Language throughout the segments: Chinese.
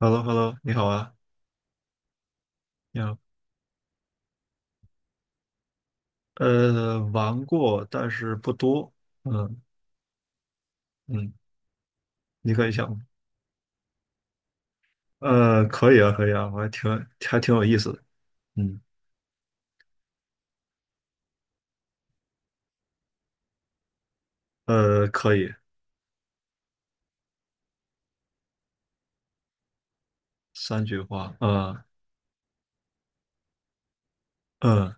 h e l l o h e l l o 你好啊，你好。玩过，但是不多。嗯嗯。你可以想吗。可以啊，可以啊，我还挺还挺有意思的。嗯，可以，三句话。嗯嗯。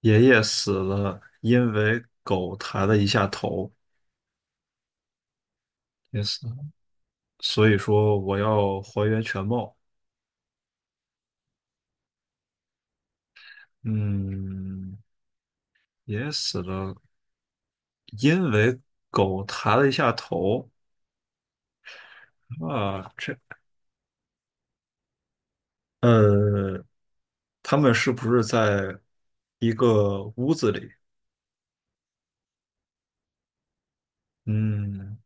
爷爷死了，因为狗抬了一下头，也死了。所以说我要还原全貌。嗯。爷爷死了，因为狗抬了一下头啊，这。呃，他们是不是在一个屋子里？嗯，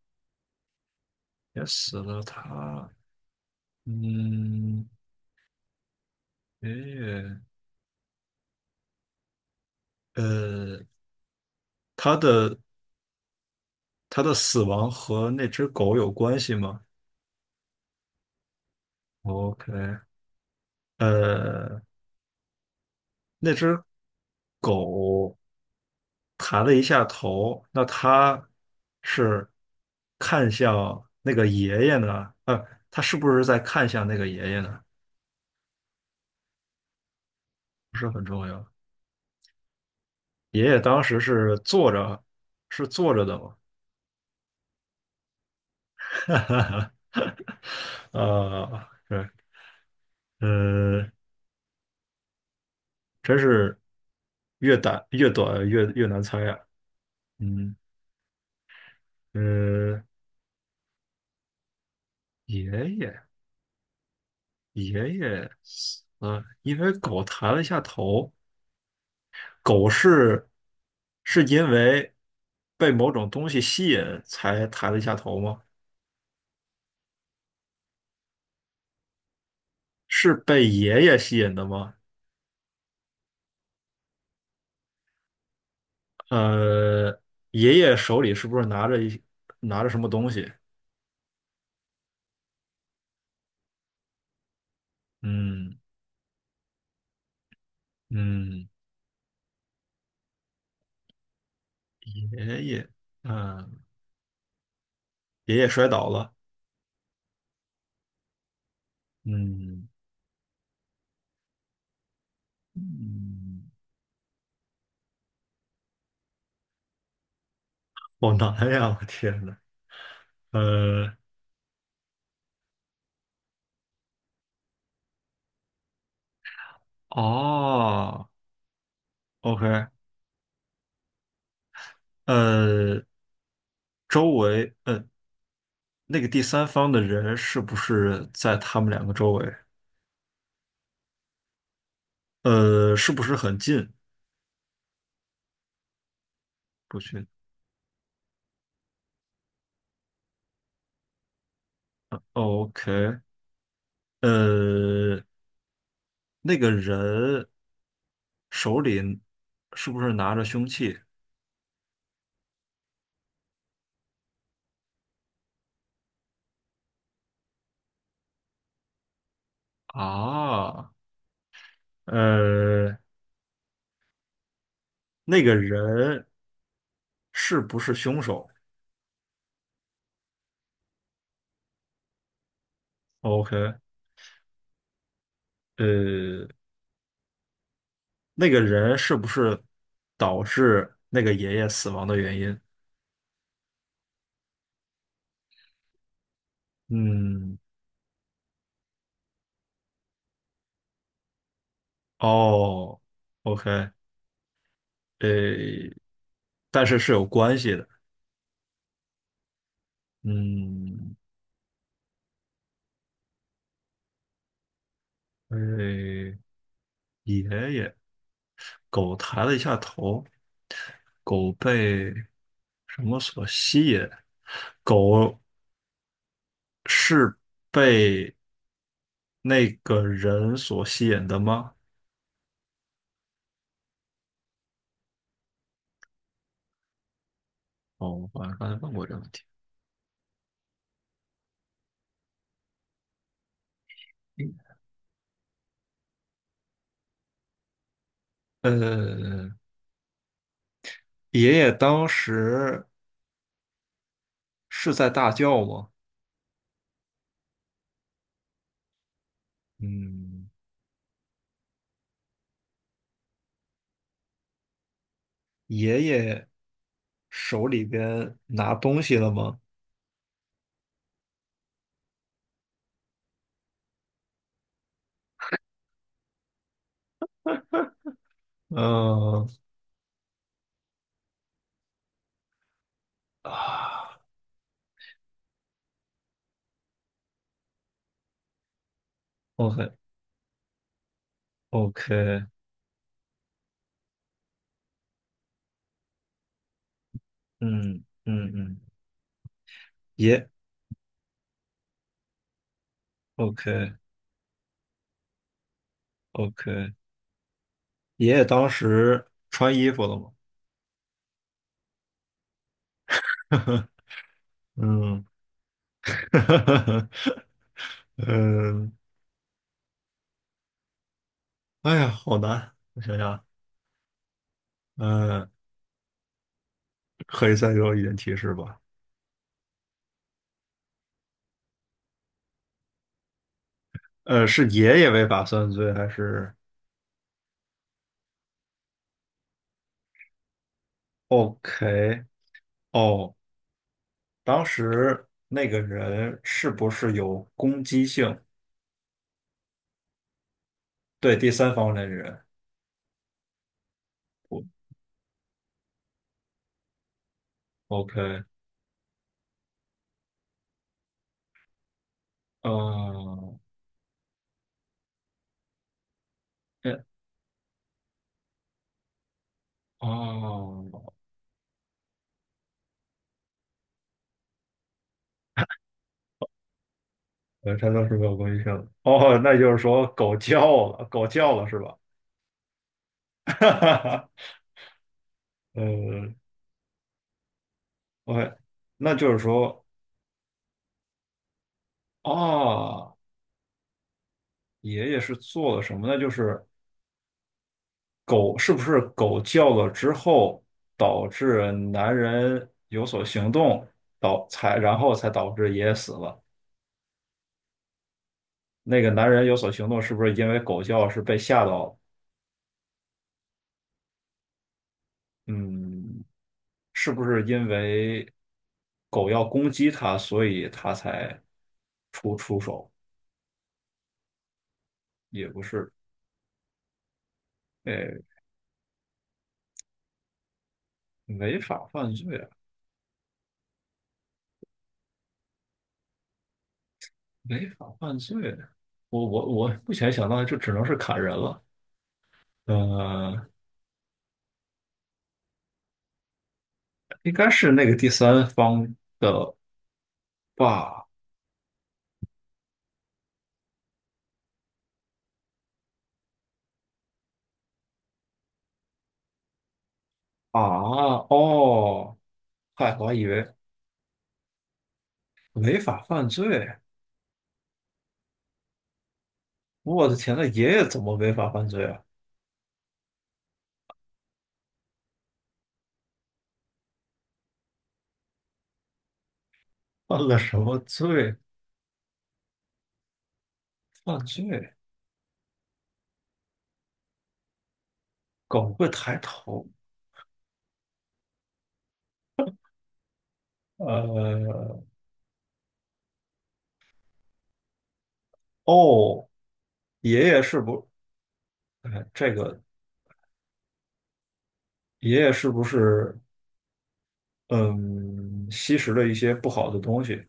也死了他。嗯，爷爷，呃，他的他的死亡和那只狗有关系吗？OK。呃，那只狗抬了一下头，那它是看向那个爷爷呢？它是不是在看向那个爷爷呢？不是很重要。爷爷当时是坐着，是坐着的嘛，对，呃，真是越短越短越难猜啊。嗯。呃，爷爷爷爷，因为狗抬了一下头，狗是是因为被某种东西吸引才抬了一下头吗？是被爷爷吸引的吗？呃，爷爷手里是不是拿着一拿着什么东西？嗯。嗯，爷爷，嗯，爷爷摔倒了。嗯嗯。好难呀！我天呐。呃，哦，OK。呃，周围，那个第三方的人是不是在他们两个周围？是不是很近？不去。哦， OK。呃，那个人手里是不是拿着凶器啊？呃，那个人是不是凶手？OK。呃，那个人是不是导致那个爷爷死亡的原因？嗯，哦，OK。呃，但是是有关系的。嗯。呃，爷爷，狗抬了一下头，狗被什么所吸引？狗是被那个人所吸引的吗？哦，我好像刚才问过这个问题。呃，爷爷当时是在大叫吗？嗯。爷爷手里边拿东西了吗？嗯啊，OK。 OK，嗯嗯嗯，爷 OK。 OK，爷爷当时穿衣服了吗？嗯。嗯，哎呀，好难，我想想，嗯，可以再给我一点提示吧？是爷爷违打算罪还是？OK。哦，当时那个人是不是有攻击性？对第三方的人，我 OK。嗯，哎，哦，他当时没有攻击性。哦，那就是说狗叫了，狗叫了是吧？哈。呃，OK，那就是说啊，爷爷是做了什么呢？就是狗是不是狗叫了之后，导致男人有所行动，然后才导致爷爷死了。那个男人有所行动，是不是因为狗叫是被吓到了。嗯，是不是因为狗要攻击他，所以他才出手？也不是，哎，违法犯罪啊。违法犯罪，我目前想到的就只能是砍人了。呃，应该是那个第三方吧？啊，哦，嗨，我还以为违法犯罪。我的天，那爷爷怎么违法犯罪啊？犯了什么罪？犯罪？狗会抬头？呃，哦，爷爷是不？哎，爷爷是不是嗯吸食了一些不好的东西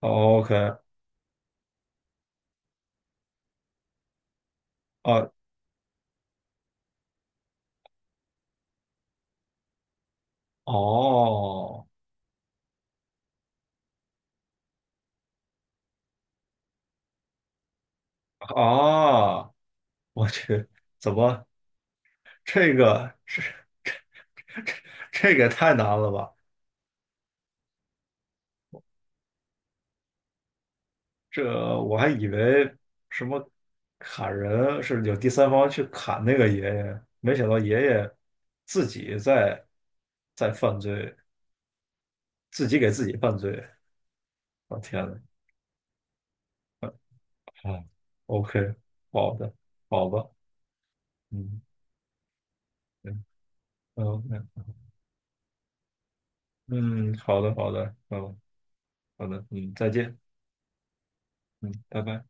哦？OK。啊，哦啊，我去，怎么这个这这个也太难了吧？这我还以为什么砍人是有第三方去砍那个爷爷，没想到爷爷自己在犯罪，自己给自己犯罪。我、天呐，啊，OK。好的，好吧，嗯。嗯，OK，嗯，好的，好的，嗯，好的，嗯，再见，嗯，拜拜。